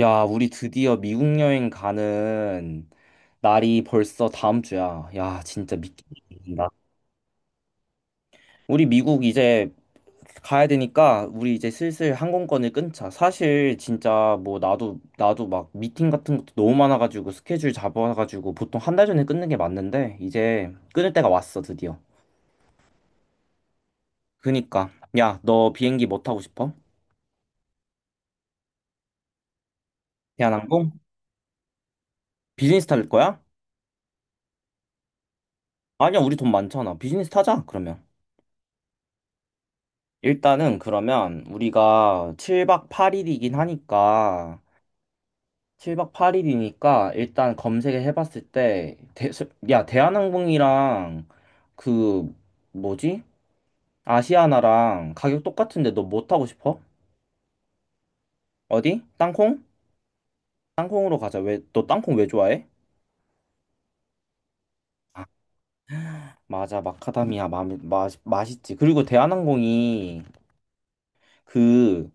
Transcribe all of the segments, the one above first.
야, 우리 드디어 미국 여행 가는 날이 벌써 다음 주야. 야, 진짜 믿긴다. 우리 미국 이제 가야 되니까 우리 이제 슬슬 항공권을 끊자. 사실 진짜 뭐 나도 막 미팅 같은 것도 너무 많아가지고 스케줄 잡아가지고 보통 한 달 전에 끊는 게 맞는데 이제 끊을 때가 왔어, 드디어. 그니까 야, 너 비행기 뭐 타고 싶어? 대한항공? 비즈니스 탈 거야? 아니야, 우리 돈 많잖아. 비즈니스 타자, 그러면. 일단은 그러면 우리가 7박 8일이긴 하니까 7박 8일이니까 일단 검색을 해봤을 때 대, 야 대한항공이랑 그 뭐지? 아시아나랑 가격 똑같은데 너 뭐 타고 싶어? 어디? 땅콩? 땅콩으로 가자. 왜 너 땅콩 왜 좋아해? 맞아, 마카다미아 맛있지. 그리고 대한항공이 그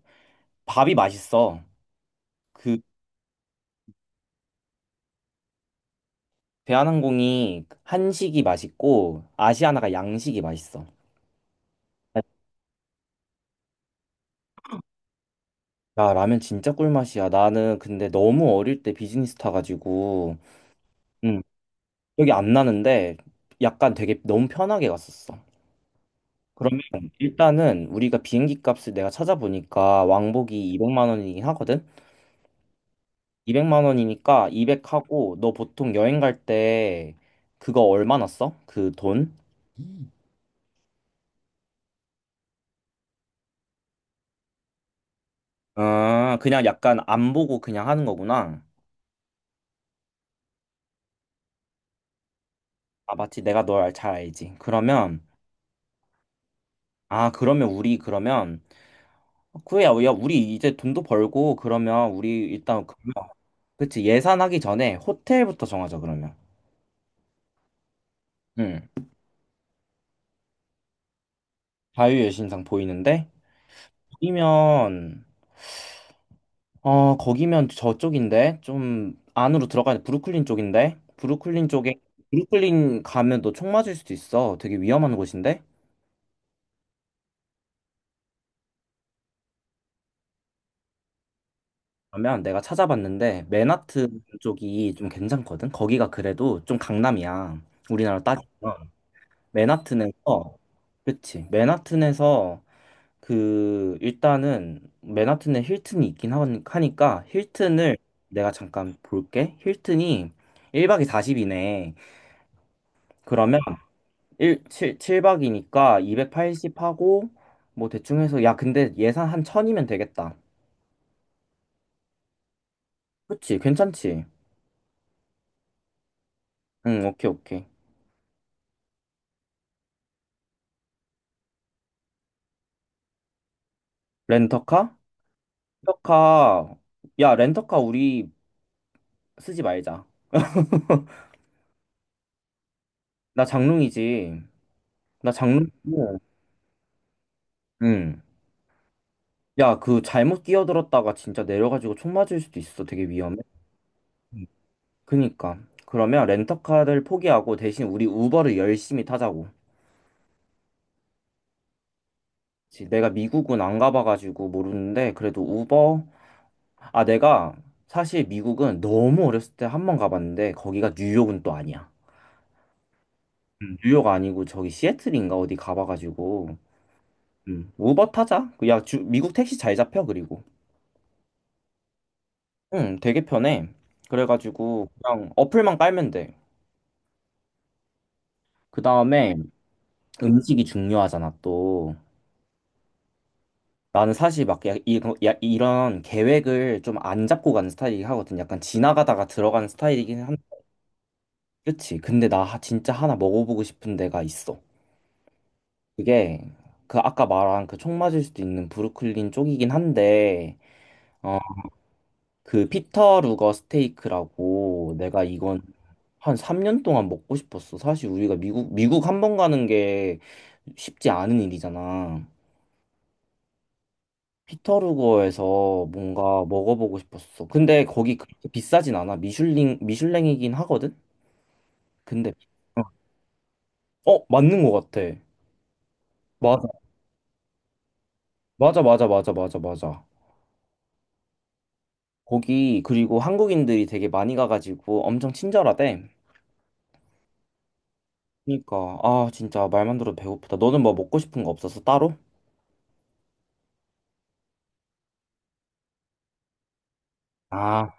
밥이 맛있어. 그 대한항공이 한식이 맛있고 아시아나가 양식이 맛있어. 야, 라면 진짜 꿀맛이야. 나는 근데 너무 어릴 때 비즈니스 타가지고, 음, 기억이 안 나는데, 약간 되게 너무 편하게 갔었어. 그러면 일단은 우리가 비행기 값을 내가 찾아보니까 왕복이 200만 원이긴 하거든? 200만 원이니까 200하고, 너 보통 여행 갈 때 그거 얼마나 써? 그 돈? 아, 그냥 약간 안 보고 그냥 하는 거구나. 아, 맞지. 내가 널 잘 알지. 그러면, 아, 그러면 우리 그러면 그래, 야, 우리 이제 돈도 벌고, 그러면 우리 일단. 그치, 예산하기 전에 호텔부터 정하자, 그러면. 응. 자유여 신상 보이는데? 거기면, 거기면 저쪽인데? 좀 안으로 들어가야 돼. 브루클린 쪽인데? 브루클린 쪽에, 브루클린 가면 너 총 맞을 수도 있어. 되게 위험한 곳인데? 그러면 내가 찾아봤는데, 맨하튼 쪽이 좀 괜찮거든? 거기가 그래도 좀 강남이야. 우리나라 따지면. 맨하튼에서, 그치, 맨하튼에서 그 일단은 맨하튼에 힐튼이 있긴 하니까 힐튼을 내가 잠깐 볼게. 힐튼이 1박이 40이네. 그러면 칠박이니까 280 하고 뭐 대충 해서 야, 근데 예산 한 1000이면 되겠다. 그치? 괜찮지? 응, 오케이, 오케이. 렌터카? 렌터카. 야, 렌터카 우리 쓰지 말자. 나 장롱이지. 나 장롱. 응. 야, 그 잘못 끼어들었다가 진짜 내려가지고 총 맞을 수도 있어. 되게 위험해. 음. 그니까. 그러면 렌터카를 포기하고 대신 우리 우버를 열심히 타자고. 그치, 내가 미국은 안 가봐가지고 모르는데 그래도 우버. 아, 내가 사실 미국은 너무 어렸을 때 한 번 가봤는데 거기가 뉴욕은 또 아니야. 뉴욕 아니고 저기 시애틀인가 어디 가봐가지고. 우버 타자. 미국 택시 잘 잡혀, 그리고. 응, 되게 편해. 그래가지고 그냥 어플만 깔면 돼. 그 다음에 음식이 중요하잖아, 또. 나는 사실 막 이런 계획을 좀 안 잡고 가는 스타일이긴 하거든. 약간 지나가다가 들어가는 스타일이긴 한데. 그치? 근데 나 진짜 하나 먹어보고 싶은 데가 있어. 그게 그 아까 말한 그 총 맞을 수도 있는 브루클린 쪽이긴 한데 어, 그 피터 루거 스테이크라고, 내가 이건 한 3년 동안 먹고 싶었어. 사실 우리가 미국 한 번 가는 게 쉽지 않은 일이잖아. 피터루거에서 뭔가 먹어보고 싶었어. 근데 거기 그렇게 비싸진 않아. 미슐랭이긴 하거든? 근데, 어, 어, 맞는 것 같아. 맞아, 맞아, 맞아, 맞아, 맞아, 맞아. 거기, 그리고 한국인들이 되게 많이 가가지고 엄청 친절하대. 그니까, 아, 진짜 말만 들어도 배고프다. 너는 뭐 먹고 싶은 거 없었어, 따로? 아,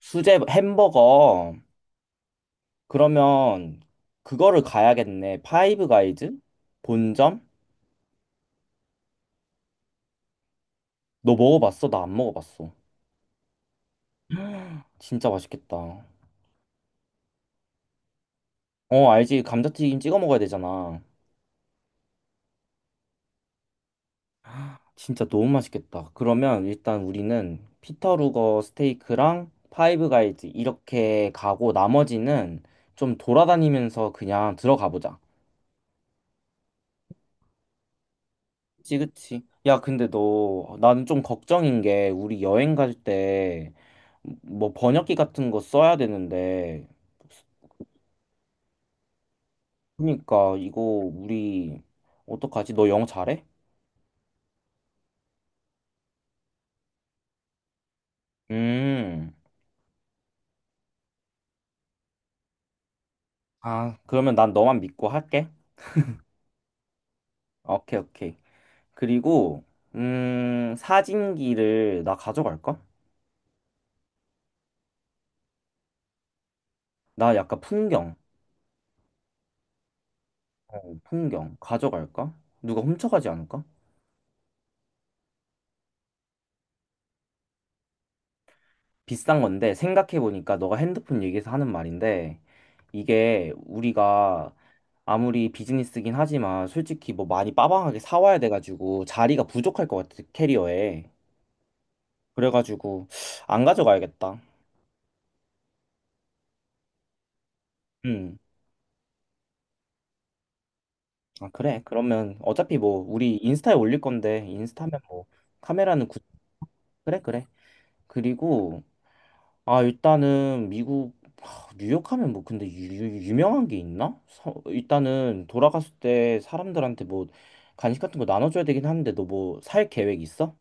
수제 햄버거. 그러면 그거를 가야겠네. 파이브 가이즈? 본점? 너 먹어봤어? 나 안 먹어봤어. 진짜 맛있겠다. 어, 알지. 감자튀김 찍어 먹어야 되잖아. 진짜 너무 맛있겠다. 그러면 일단 우리는 피터루거 스테이크랑 파이브 가이즈 이렇게 가고 나머지는 좀 돌아다니면서 그냥 들어가 보자. 그치, 그치. 야, 근데 너, 나는 좀 걱정인 게 우리 여행 갈 때 뭐 번역기 같은 거 써야 되는데, 그러니까 이거 우리 어떡하지? 너 영어 잘해? 음. 아, 그러면 난 너만 믿고 할게. 오케이, 오케이. 그리고 사진기를 나 가져갈까? 나 약간 풍경 가져갈까? 누가 훔쳐가지 않을까? 비싼 건데, 생각해보니까 너가 핸드폰 얘기해서 하는 말인데, 이게 우리가 아무리 비즈니스긴 하지만 솔직히 뭐 많이 빠방하게 사와야 돼가지고 자리가 부족할 것 같아, 캐리어에. 그래가지고 안 가져가야겠다 음. 아, 그래. 그러면 어차피 뭐 우리 인스타에 올릴 건데, 인스타면 뭐 카메라는 구... 그래, 그래. 그리고 아, 일단은 미국, 하, 뉴욕 하면 뭐 근데 유명한 게 있나? 일단은 돌아갔을 때 사람들한테 뭐 간식 같은 거 나눠줘야 되긴 하는데 너 뭐 살 계획 있어?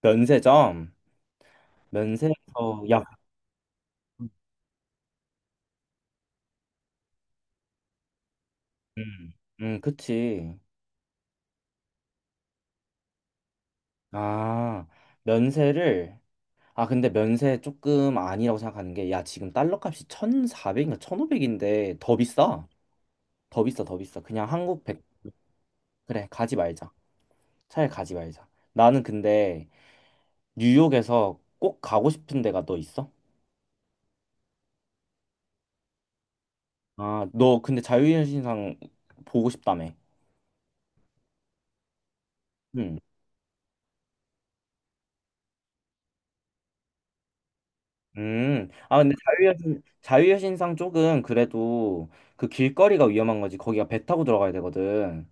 면세점. 면세에서, 야. 음, 그치. 아, 면세를. 아, 근데 면세 조금 아니라고 생각하는 게, 야, 지금 달러 값이 1400인가 1500인데 더 비싸, 더 비싸, 더 비싸. 그냥 한국 100. 그래, 가지 말자. 차라리 가지 말자. 나는 근데 뉴욕에서 꼭 가고 싶은 데가 너 있어? 아, 너 근데 자유여신상 보고 싶다며. 응. 음. 아, 근데 자유여신상 쪽은 그래도 그 길거리가 위험한 거지. 거기가 배 타고 들어가야 되거든.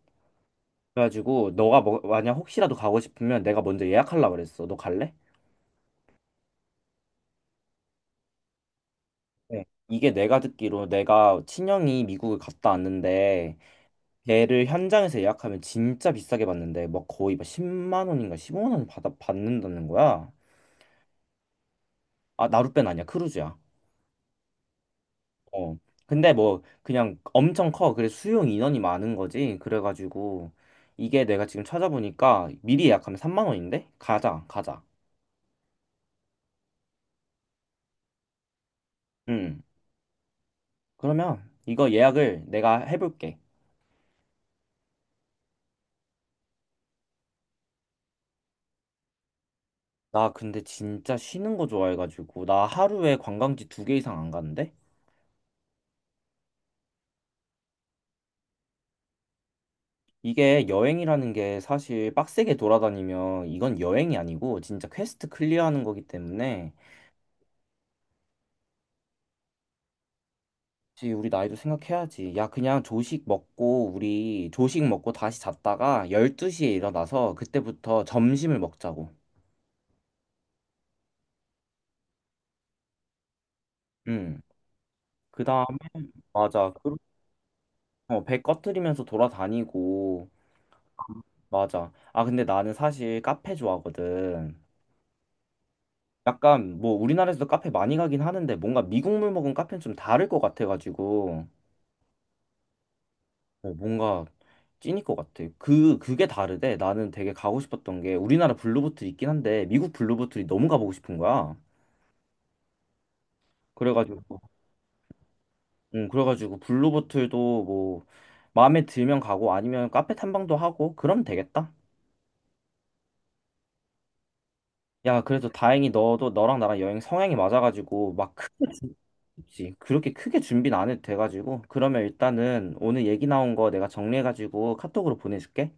그래가지고 너가 뭐, 만약 혹시라도 가고 싶으면 내가 먼저 예약하려고 그랬어. 너 갈래? 네. 이게 내가 듣기로, 내가 친형이 미국을 갔다 왔는데 걔를 현장에서 예약하면 진짜 비싸게 받는데, 막 거의 막 10만 원인가 15만 원 받아 받는다는 거야. 아, 나룻배는 아니야, 크루즈야. 어. 근데 뭐 그냥 엄청 커. 그래, 수용 인원이 많은 거지. 그래가지고 이게 내가 지금 찾아보니까 미리 예약하면 3만 원인데, 가자, 가자. 응. 그러면 이거 예약을 내가 해볼게. 나 근데 진짜 쉬는 거 좋아해가지고 나 하루에 관광지 두 개 이상 안 가는데? 이게 여행이라는 게 사실 빡세게 돌아다니면 이건 여행이 아니고 진짜 퀘스트 클리어하는 거기 때문에. 그치, 우리 나이도 생각해야지. 야, 그냥 조식 먹고, 우리 조식 먹고 다시 잤다가 12시에 일어나서 그때부터 점심을 먹자고. 응. 그다음. 맞아. 배 꺼트리면서 돌아다니고. 맞아. 아, 근데 나는 사실 카페 좋아하거든. 약간 뭐 우리나라에서도 카페 많이 가긴 하는데 뭔가 미국물 먹은 카페는 좀 다를 것 같아가지고. 어, 뭔가 찐일 것 같아. 그게 다르대. 나는 되게 가고 싶었던 게 우리나라 블루보틀 있긴 한데 미국 블루보틀이 너무 가보고 싶은 거야. 그래가지고, 응, 그래가지고 블루보틀도 뭐 마음에 들면 가고 아니면 카페 탐방도 하고 그러면 되겠다. 야, 그래도 다행히 너도 너랑 나랑 여행 성향이 맞아가지고 막 크게 그치. 그렇게 크게 준비는 안 해도 돼가지고, 그러면 일단은 오늘 얘기 나온 거 내가 정리해가지고 카톡으로 보내줄게.